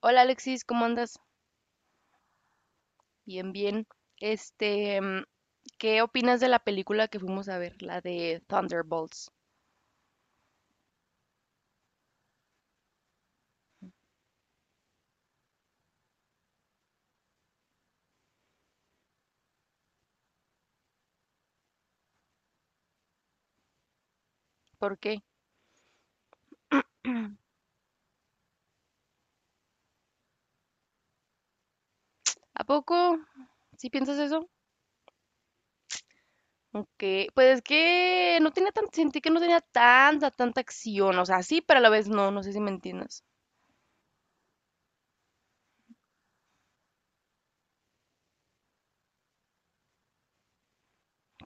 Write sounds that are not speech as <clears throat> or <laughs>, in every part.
Hola Alexis, ¿cómo andas? Bien, bien. Este, mm, ¿Qué opinas de la película que fuimos a ver, la de Thunderbolts? ¿Por qué? ¿A poco? ¿Sí piensas eso? Aunque, pues es que no tenía tan, sentí que no tenía tanta acción, o sea, sí, pero a la vez no, no sé si me entiendes.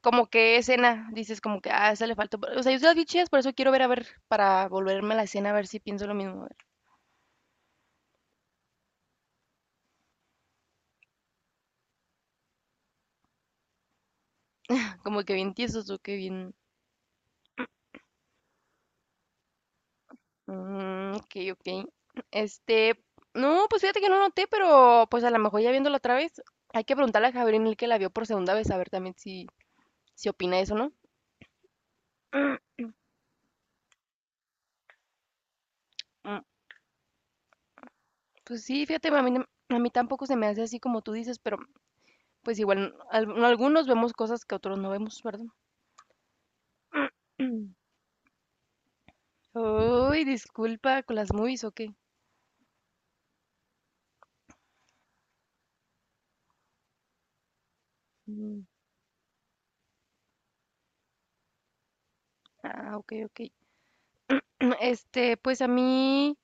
Como que escena, dices como que, ah, esa le falta, o sea, yo sí las vi chidas, por eso quiero ver a ver, para volverme a la escena a ver si pienso lo mismo, a ver. Como que bien tiesos o que bien, mm, ok, ok. Este, no, pues fíjate que no noté, pero pues a lo mejor ya viéndolo otra vez, hay que preguntarle a Javier Gabriel que la vio por segunda vez, a ver también si, si opina eso, ¿no? Mm, mm. Pues sí, fíjate, a mí, a mí tampoco se me hace así como tú dices, pero pues igual algunos vemos cosas que otros no vemos, ¿verdad? <clears throat> Uy, disculpa, con las movies o qué. Mm. Ah, ok, ok. <clears throat> Pues a mí,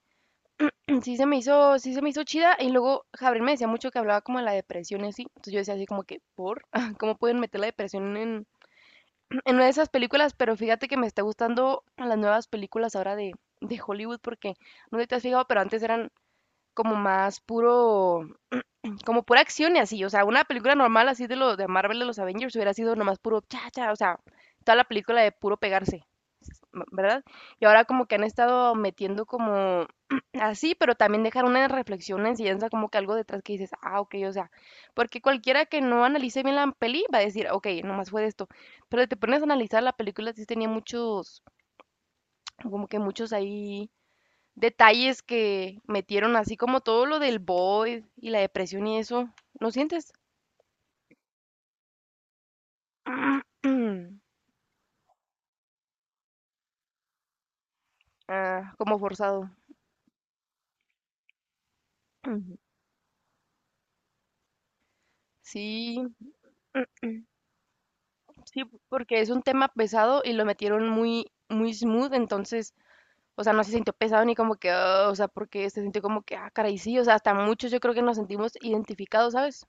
sí se me hizo chida y luego Javier me decía mucho que hablaba como de la depresión y así, entonces yo decía así como que, ¿por? <laughs> ¿Cómo pueden meter la depresión en, <clears throat> en una de esas películas? Pero fíjate que me está gustando las nuevas películas ahora de Hollywood porque, no sé si te has fijado, pero antes eran como más puro como pura acción y así. O sea, una película normal así de lo de Marvel de los Avengers hubiera sido nomás puro cha cha, o sea, toda la película de puro pegarse, ¿verdad? Y ahora como que han estado metiendo como <clears throat> así, pero también dejar una reflexión, una enseñanza como que algo detrás que dices, ah, ok, o sea, porque cualquiera que no analice bien la peli va a decir, ok, nomás fue de esto. Pero si te pones a analizar la película, sí tenía muchos, como que muchos ahí detalles que metieron así como todo lo del boy y la depresión y eso. ¿No sientes? <clears throat> Ah, como forzado. Ujú. Sí, <clears throat> sí, porque es un tema pesado y lo metieron muy, muy smooth, entonces, o sea, no se sintió pesado ni como que, "Ah", o sea, porque se sintió como que, ah, caray, sí, o sea, hasta muchos yo creo que nos sentimos identificados, ¿sabes?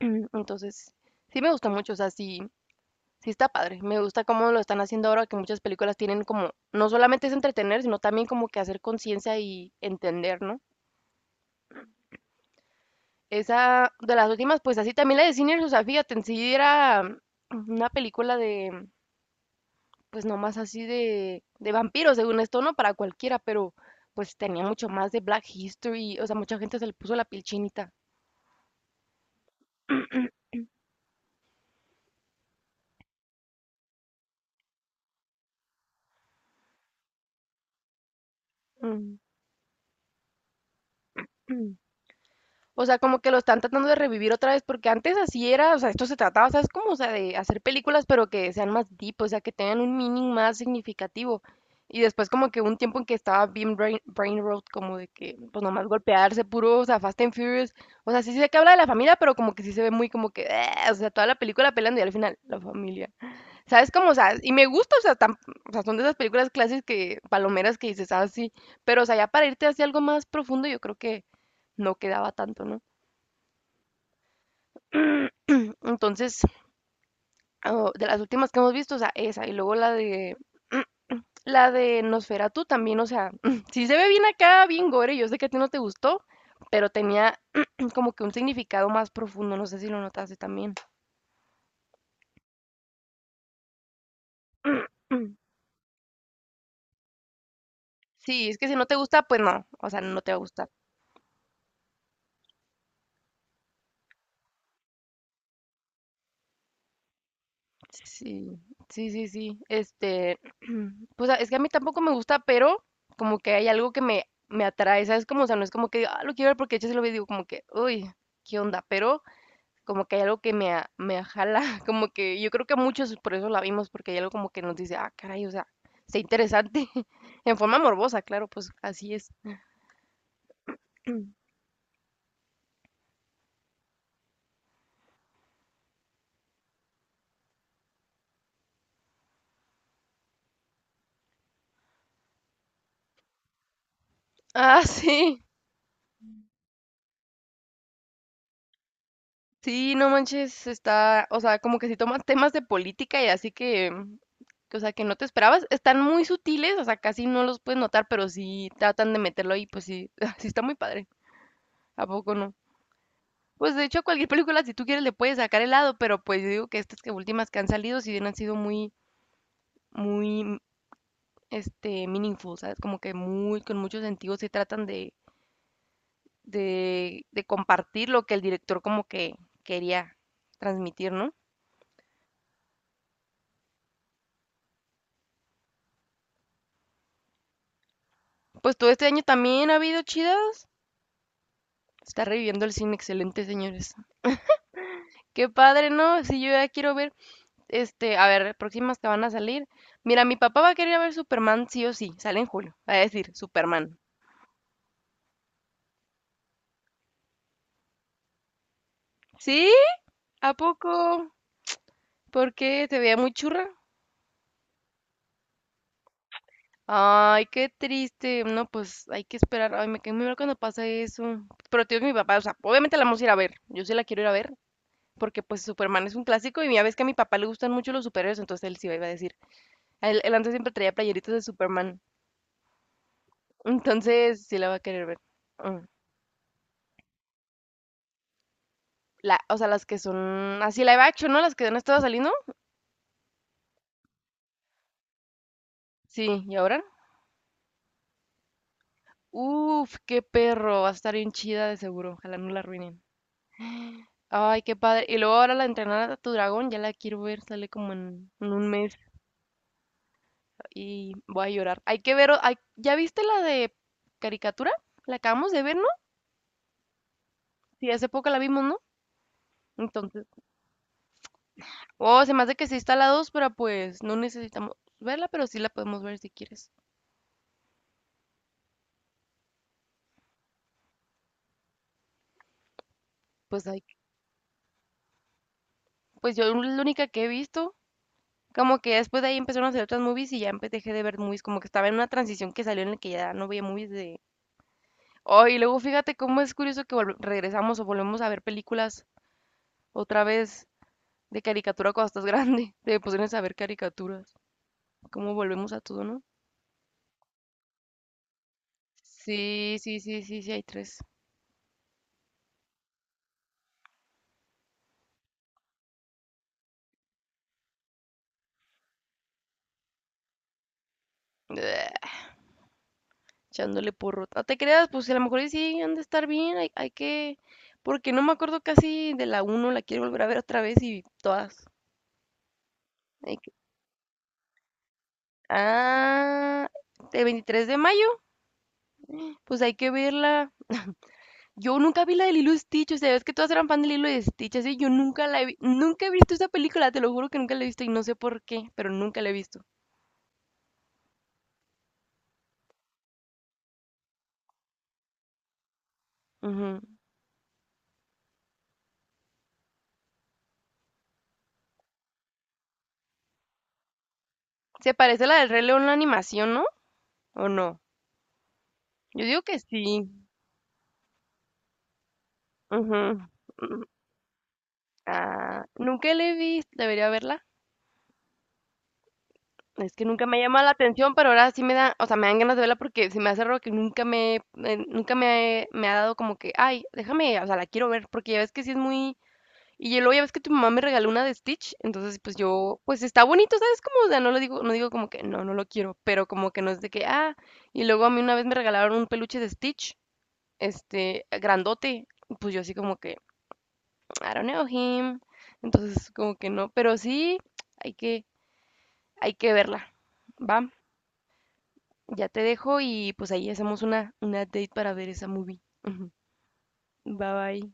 <clears throat> Entonces, sí me gusta mucho, o sea, sí, sí está padre. Me gusta cómo lo están haciendo ahora, que muchas películas tienen como, no solamente es entretener, sino también como que hacer conciencia y entender, ¿no? Esa de las últimas, pues así también la de Cine sea fíjate, en sí era una película de, pues nomás así de vampiros, según esto, no para cualquiera, pero pues tenía mucho más de Black History, o sea, mucha gente se le puso la piel chinita. <clears throat> O sea, como que lo están tratando de revivir otra vez, porque antes así era, o sea, esto se trataba, ¿sabes? Como, o sea, de hacer películas, pero que sean más deep, o sea, que tengan un meaning más significativo. Y después como que hubo un tiempo en que estaba bien brain rot, como de que, pues nomás golpearse, puro, o sea, Fast and Furious. O sea, sí sé que habla de la familia, pero como que sí se ve muy como que, "Ah", o sea, toda la película peleando y al final, la familia. ¿Sabes? Como, o sea, y me gusta, o sea, o sea, son de esas películas clásicas que, palomeras que dices, ah, sí. Pero, o sea, ya para irte hacia algo más profundo, yo creo que no quedaba tanto, ¿no? <clears throat> Entonces, oh, de las últimas que hemos visto, o sea, esa, y luego la de <clears throat> la de Nosferatu también, o sea, <clears throat> sí se ve bien acá, bien gore, yo sé que a ti no te gustó, pero tenía <clears throat> como que un significado más profundo, no sé si lo notaste también. <clears throat> Sí, es que si no te gusta, pues no, o sea, no te va a gustar. Sí, sí, sí, sí. <clears throat> Pues a- es que a mí tampoco me gusta, pero como que hay algo que me atrae, ¿sabes? Como, o sea, no es como que digo, ah, lo quiero ver porque yo se lo veo y digo como que, uy, ¿qué onda? Pero como que hay algo que me jala, <laughs> como que yo creo que muchos por eso la vimos, porque hay algo como que nos dice: "Ah, caray, o sea, está interesante". <laughs> En forma morbosa, claro, pues así es. <clears throat> Ah, sí, sí, no manches, está o sea, como que si toman temas de política y así que o sea, que no te esperabas. Están muy sutiles, o sea, casi no los puedes notar, pero sí tratan de meterlo ahí, pues sí, <laughs> sí está muy padre, ¿a poco no? Pues, de hecho, a cualquier película, si tú quieres, le puedes sacar el lado, pero, pues, yo digo que estas que últimas que han salido, sí bien han sido muy muy, meaningful, ¿sabes? Como que muy, con mucho sentido, se tratan de, de compartir lo que el director como que quería transmitir, ¿no? Pues todo este año también ha habido chidas. Está reviviendo el cine, excelente, señores. Qué padre, ¿no? Si yo ya quiero ver, a ver, próximas que van a salir. Mira, mi papá va a querer ver Superman sí o sí. Sale en julio. Va a decir, Superman. ¿Sí? ¿A poco? ¿Por qué? ¿Se veía muy churra? Ay, qué triste. No, pues hay que esperar. Ay, me quedé muy mal cuando pasa eso. Pero tío, es mi papá, o sea, obviamente la vamos a ir a ver. Yo sí la quiero ir a ver. Porque pues Superman es un clásico y ya ves que a mi papá le gustan mucho los superhéroes, entonces él sí iba a decir. Él antes siempre traía playeritas de Superman. Entonces sí la va a querer ver. Mm. La, o sea, las que son así live action, ¿no? Las que no estaba saliendo. Sí, ¿y ahora? Uf, qué perro. Va a estar bien chida de seguro. Ojalá no la arruinen. Ay, qué padre. Y luego ahora la entrenar a tu dragón, ya la quiero ver, sale como en un mes y voy a llorar. Hay que ver, o- hay- ¿ya viste la de caricatura? La acabamos de ver, ¿no? Sí, hace poco la vimos, ¿no? Entonces, oh, se me hace que sí está la dos, pero pues no necesitamos verla, pero sí la podemos ver si quieres. Pues hay, pues yo la única que he visto, como que después de ahí empezaron a hacer otras movies y ya dejé de ver movies, como que estaba en una transición que salió en la que ya no veía movies de... Oh, y luego fíjate cómo es curioso que regresamos o volvemos a ver películas otra vez de caricatura cuando estás grande. <laughs> Te pusieron a ver caricaturas. ¿Cómo volvemos a todo, no? Sí, sí, sí, sí, sí, hay tres. Bleh, echándole porro. No te creas, pues si a lo mejor y sí han de estar bien. Hay que. Porque no me acuerdo casi de la uno la quiero volver a ver otra vez y todas. Hay que- Ah, de 23 de mayo, pues hay que verla. Yo nunca vi la de Lilo y Stitch, o sea, es que todas eran fan de Lilo y Stitch, así yo nunca la he nunca he visto esa película, te lo juro que nunca la he visto y no sé por qué, pero nunca la he visto. Ujú. Se parece a la del Rey León la animación, ¿no? ¿O no? Yo digo que sí. Ujú. Mm. Ah, nunca la he visto. Debería verla. Es que nunca me llama la atención, pero ahora sí me da, o sea, me dan ganas de verla porque se me hace raro que nunca me, nunca me ha dado como que, ay, déjame, o sea, la quiero ver, porque ya ves que sí es muy, y ya luego ya ves que tu mamá me regaló una de Stitch, entonces pues yo, pues está bonito, ¿sabes? Como, o sea, no lo digo, no digo como que, no, no lo quiero, pero como que no es de que, ah, y luego a mí una vez me regalaron un peluche de Stitch, grandote. Pues yo así como que, I don't know him. Entonces como que no, pero sí, hay que, hay que verla. Va, ya te dejo y pues ahí hacemos una date para ver esa movie. Ujú. Bye bye.